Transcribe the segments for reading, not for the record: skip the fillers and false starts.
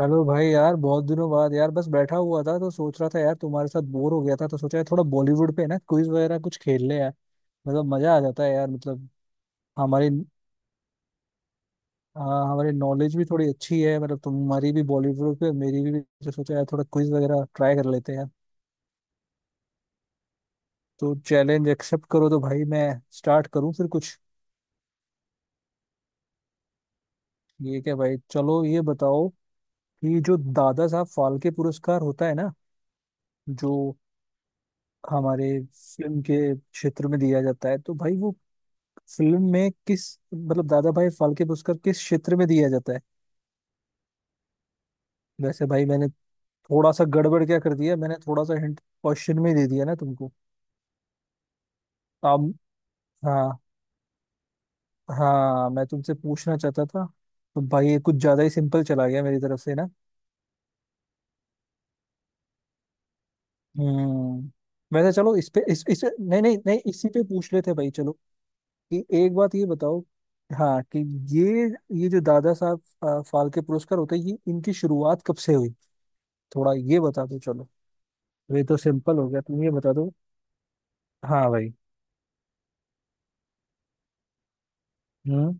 Hello भाई, यार बहुत दिनों बाद। यार बस बैठा हुआ था तो सोच रहा था यार, तुम्हारे साथ बोर हो गया था तो सोचा यार थोड़ा बॉलीवुड पे ना क्विज वगैरह कुछ खेल ले यार। मतलब मजा आ जाता है यार, मतलब। हमारी हाँ, हमारी नॉलेज भी थोड़ी अच्छी है, मतलब तुम्हारी भी बॉलीवुड पे, मेरी भी। तो सोचा यार थोड़ा क्विज वगैरह ट्राई कर लेते हैं यार। तो चैलेंज एक्सेप्ट करो तो भाई, मैं स्टार्ट करूँ फिर कुछ। ये क्या भाई, चलो ये बताओ कि जो दादा साहब फाल्के पुरस्कार होता है ना, जो हमारे फिल्म के क्षेत्र में दिया जाता है, तो भाई वो फिल्म में किस मतलब दादा भाई फाल्के पुरस्कार किस क्षेत्र में दिया जाता है। वैसे भाई मैंने थोड़ा सा गड़बड़ क्या कर दिया, मैंने थोड़ा सा हिंट क्वेश्चन में ही दे दिया ना तुमको। अब हाँ, हाँ, मैं तुमसे पूछना चाहता था। तो भाई ये कुछ ज्यादा ही सिंपल चला गया मेरी तरफ से ना। हम्म। वैसे चलो इस पे इस नहीं नहीं नहीं, इसी पे पूछ लेते हैं भाई। चलो कि एक बात ये बताओ, हाँ, कि ये ये जो दादा साहब फाल्के पुरस्कार होते हैं, ये इनकी शुरुआत कब से हुई, थोड़ा ये बता दो चलो। ये तो सिंपल हो गया, तुम ये बता दो। हाँ भाई। हम्म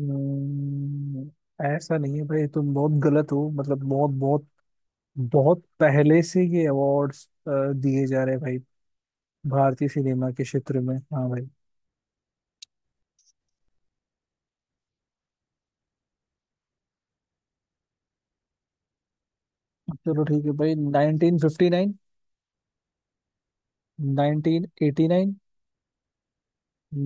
हम्म, ऐसा नहीं है भाई, तुम बहुत गलत हो, मतलब बहुत बहुत बहुत पहले से ये अवार्ड्स दिए जा रहे हैं भाई, भारतीय सिनेमा के क्षेत्र में। हाँ भाई। चलो ठीक है भाई, 1959, 1989,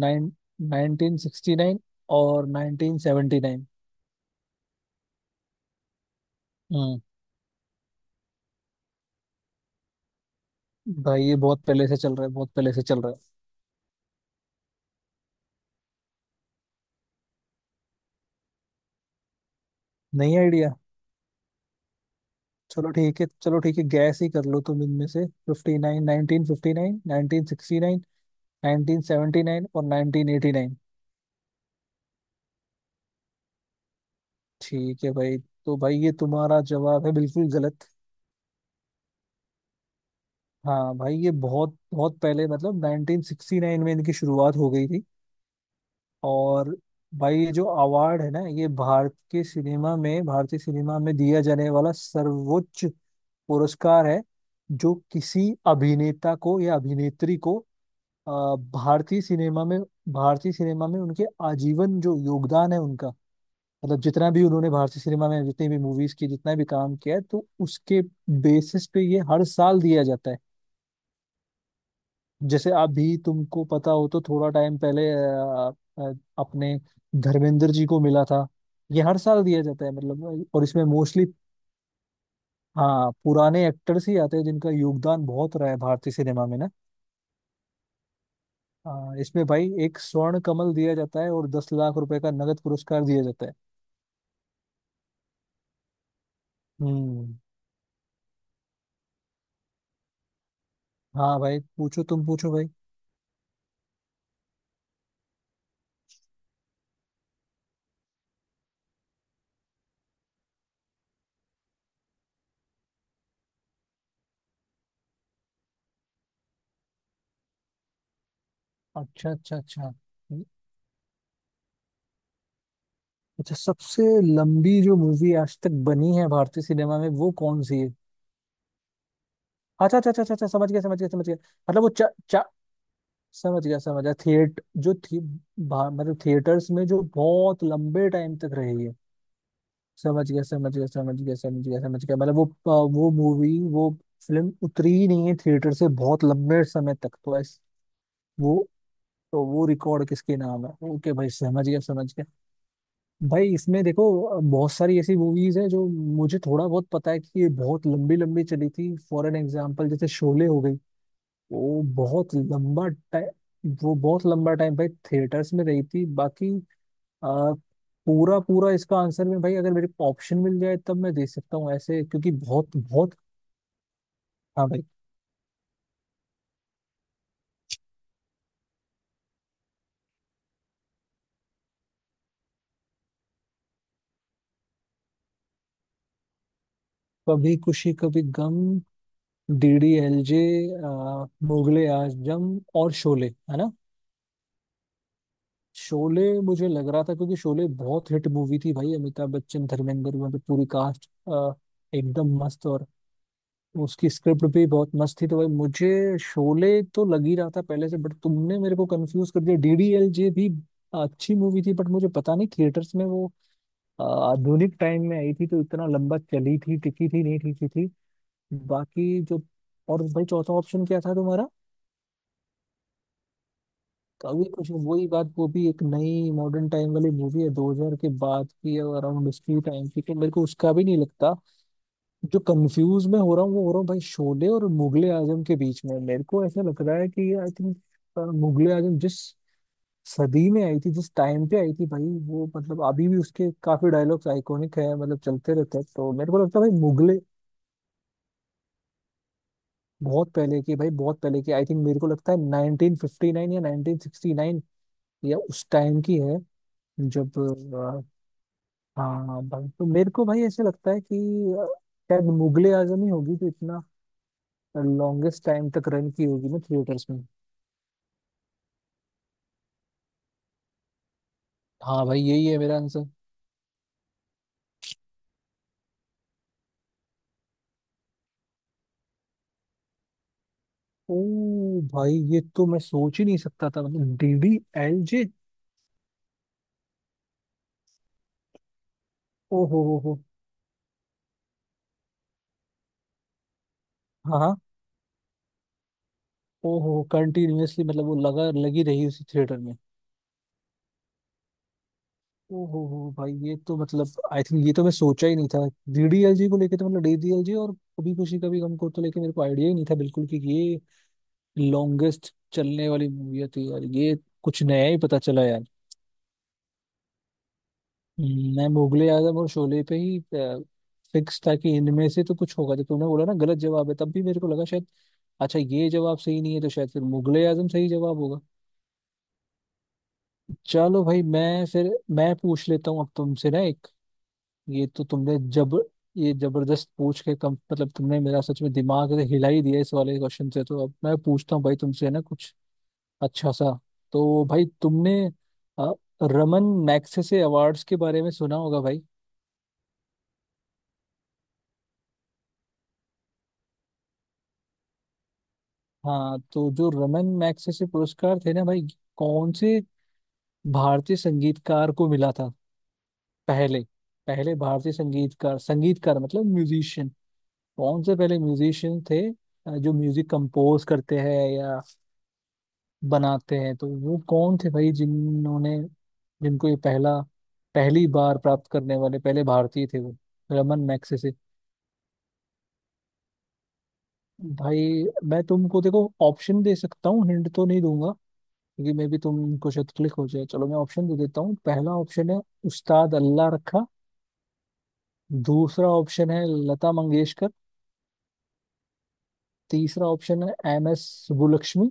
नाइन 1969 और 1979। हम्म भाई ये बहुत पहले से चल रहा है, बहुत पहले से चल रहा है। नहीं, आइडिया। चलो ठीक है, चलो ठीक है, गैस ही कर लो तुम इनमें से, fifty nine nineteen fifty nine, nineteen sixty nine, nineteen seventy nine और नाइनटीन एटी नाइन। ठीक है भाई। तो भाई ये तुम्हारा जवाब है बिल्कुल गलत। हाँ भाई, ये बहुत बहुत पहले, मतलब नाइनटीन सिक्सटी नाइन में इनकी शुरुआत हो गई थी। और भाई ये जो अवार्ड है ना, ये भारत के सिनेमा में, भारतीय सिनेमा में दिया जाने वाला सर्वोच्च पुरस्कार है, जो किसी अभिनेता को या अभिनेत्री को अ, भारतीय सिनेमा में, भारतीय सिनेमा में उनके आजीवन जो योगदान है उनका, मतलब जितना भी उन्होंने भारतीय सिनेमा में जितनी भी मूवीज की, जितना भी काम किया है, तो उसके बेसिस पे ये हर साल दिया जाता है। जैसे अभी तुमको पता हो तो थोड़ा टाइम पहले अ, अपने धर्मेंद्र जी को मिला था। ये हर साल दिया जाता है मतलब, और इसमें मोस्टली, हाँ, पुराने एक्टर्स ही आते हैं जिनका योगदान बहुत रहा है भारतीय सिनेमा में ना। हाँ, इसमें भाई एक स्वर्ण कमल दिया जाता है और दस लाख रुपए का नगद पुरस्कार दिया जाता है। हम्म। हाँ भाई, पूछो, तुम पूछो भाई। अच्छा, अच्छा, अच्छा, अच्छा, सबसे लंबी जो मूवी आज तक बनी है भारतीय सिनेमा में, वो कौन सी है? अच्छा, अच्छा, अच्छा, अच्छा, अच्छा, समझ गया, समझ गया, समझ गया, मतलब वो चा, चा, समझ गया, समझ गया, थिएट जो थी, मतलब थिएटर्स में जो बहुत लंबे टाइम तक रही है। समझ गया, समझ गया, समझ गया, समझ गया, समझ गया, मतलब वो मूवी, वो फिल्म उतरी ही नहीं है थिएटर से बहुत लंबे समय तक, तो ऐस, वो, तो वो रिकॉर्ड किसके नाम है, ओके भाई, समझ गया, समझ गया। भाई इसमें देखो बहुत सारी ऐसी मूवीज है जो मुझे थोड़ा बहुत पता है कि ये बहुत लंबी लंबी चली थी, फॉर एन एग्जाम्पल जैसे शोले हो गई, वो बहुत लंबा टाइम, वो बहुत लंबा टाइम भाई थिएटर्स में रही थी, बाकी आ, पूरा पूरा इसका आंसर में भाई अगर मेरे को ऑप्शन मिल जाए तब मैं दे सकता हूँ ऐसे, क्योंकि बहुत बहुत। हाँ भाई। Kabhi Khushi Kabhi Gham, D D L J, Mughal e Azam और शोले, है ना? शोले मुझे लग रहा था क्योंकि शोले बहुत हिट मूवी थी भाई, अमिताभ बच्चन, धर्मेंद्र, वहाँ पे पूरी कास्ट एकदम मस्त, और उसकी स्क्रिप्ट भी बहुत मस्त थी, तो भाई मुझे शोले तो लग ही रहा था पहले से, बट तुमने मेरे को कंफ्यूज कर दिया। डी डी एल जे भी अच्छी मूवी थी, बट मुझे पता नहीं थिएटर्स में वो अ, आधुनिक टाइम में आई थी तो इतना लंबा चली थी, टिकी थी, नहीं टिकी थी, बाकी जो। और भाई चौथा ऑप्शन क्या था तुम्हारा, कभी कुछ, वही बात, वो भी एक नई मॉडर्न टाइम वाली मूवी है, 2000 के बाद की, अराउंड उसकी टाइम की, तो मेरे को उसका भी नहीं लगता। जो कंफ्यूज मैं हो रहा हूँ वो हो रहा हूँ भाई, शोले और मुगले आजम के बीच में, मेरे को ऐसा लग रहा है कि आई थिंक मुगले आजम जिस सदी में आई थी, जिस टाइम पे आई थी भाई, वो, मतलब अभी भी उसके काफी डायलॉग्स आइकॉनिक है, मतलब चलते रहते हैं, तो मेरे को लगता है भाई मुगले, बहुत पहले की भाई, बहुत पहले की। आई थिंक मेरे को लगता है 1959 या 1969 या उस टाइम की है, जब हाँ, हाँ, भाई तो मेरे को भाई ऐसे लगता है कि अ, शायद मुगले आजम ही होगी तो इतना लॉन्गेस्ट टाइम तक रन की होगी ना थिएटर्स में। हाँ भाई, यही है मेरा आंसर। ओ भाई, ये तो मैं सोच ही नहीं सकता था, मतलब डी डी एल जे। ओ हो हो। हाँ, हाँ, ओ हो, कंटिन्यूअसली, मतलब वो लगा लगी रही उसी थिएटर में। ओ हो भाई, ये तो मतलब आई थिंक, ये तो मैं सोचा ही नहीं था डीडीएलजी को लेके, तो मतलब डीडीएलजी और कभी खुशी कभी गम को तो लेके मेरे को आइडिया ही नहीं था बिल्कुल कि ये लॉन्गेस्ट चलने वाली मूवी थी यार। ये कुछ नया ही पता चला यार। मैं मुगले आजम और शोले पे ही फिक्स था कि इनमें से तो कुछ होगा, जब तूने बोला ना गलत जवाब है, तब भी मेरे को लगा शायद, अच्छा ये जवाब सही नहीं है, तो शायद फिर मुगले आजम सही जवाब होगा। चलो भाई, मैं फिर मैं पूछ लेता हूँ अब तुमसे ना एक, ये तो तुमने जब, ये जबरदस्त पूछ के कम, मतलब तुमने मेरा सच में दिमाग ऐसे हिला ही दिया इस वाले क्वेश्चन से, तो अब मैं पूछता हूँ भाई तुमसे ना, कुछ अच्छा सा। तो भाई तुमने अ, रमन मैग्सेसे अवार्ड्स के बारे में सुना होगा भाई। हाँ, तो जो रमन मैग्सेसे पुरस्कार थे ना भाई, कौन से भारतीय संगीतकार को मिला था पहले? पहले भारतीय संगीतकार, संगीतकार मतलब म्यूजिशियन, कौन से पहले म्यूजिशियन थे जो म्यूजिक कंपोज करते हैं या बनाते हैं, तो वो कौन थे भाई जिन्होंने, जिनको ये पहला, पहली बार प्राप्त करने वाले पहले भारतीय थे, वो रमन मैग्सेसे। भाई मैं तुमको देखो ऑप्शन दे सकता हूँ, हिंट तो नहीं दूंगा क्योंकि मे भी तुमको शायद क्लिक हो जाए। चलो मैं ऑप्शन दे देता हूँ। पहला ऑप्शन है उस्ताद अल्लाह रखा, दूसरा ऑप्शन है लता मंगेशकर, तीसरा ऑप्शन है एम एस सुब्बुलक्ष्मी,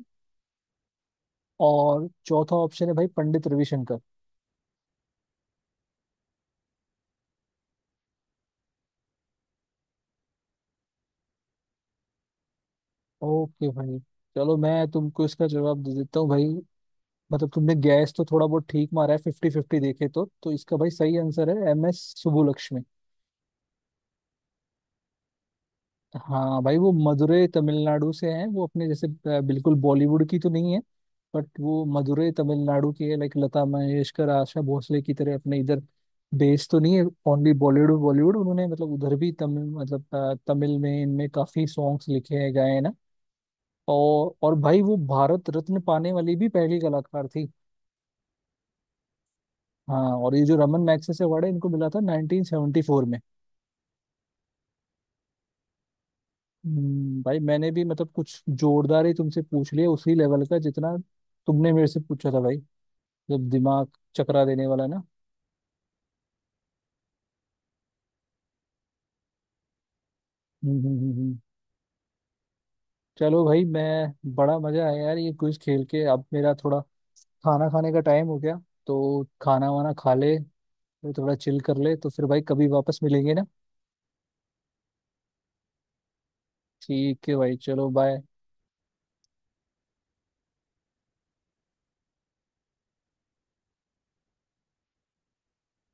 और चौथा ऑप्शन है भाई पंडित रविशंकर। ओके भाई, चलो मैं तुमको इसका जवाब दे देता हूँ भाई, मतलब तुमने गैस तो थोड़ा बहुत ठीक मारा है, फिफ्टी फिफ्टी देखे तो इसका भाई सही आंसर है एम एस सुबुलक्ष्मी। हाँ भाई, वो मदुरै तमिलनाडु से हैं, वो अपने जैसे बिल्कुल बॉलीवुड की तो नहीं है, बट वो मदुरै तमिलनाडु की है, लाइक लता मंगेशकर आशा भोसले की तरह अपने इधर बेस तो नहीं है, ओनली बॉलीवुड, बॉलीवुड उन्होंने, मतलब उधर भी तमिल, मतलब तमिल में इनमें काफी सॉन्ग्स लिखे हैं, गाए हैं ना। और भाई वो भारत रत्न पाने वाली भी पहली कलाकार थी। हाँ, और ये जो रमन मैग्सेसे अवार्ड है, इनको मिला था 1974 में। भाई मैंने भी मतलब कुछ जोरदार ही तुमसे पूछ लिया, उसी लेवल का जितना तुमने मेरे से पूछा था भाई, जब दिमाग चकरा देने वाला ना। हम्म, चलो भाई, मैं, बड़ा मजा आया यार ये क्विज खेल के। अब मेरा थोड़ा खाना खाने का टाइम हो गया, तो खाना वाना खा ले, फिर थोड़ा चिल कर ले, तो फिर भाई कभी वापस मिलेंगे ना। ठीक है भाई, चलो बाय।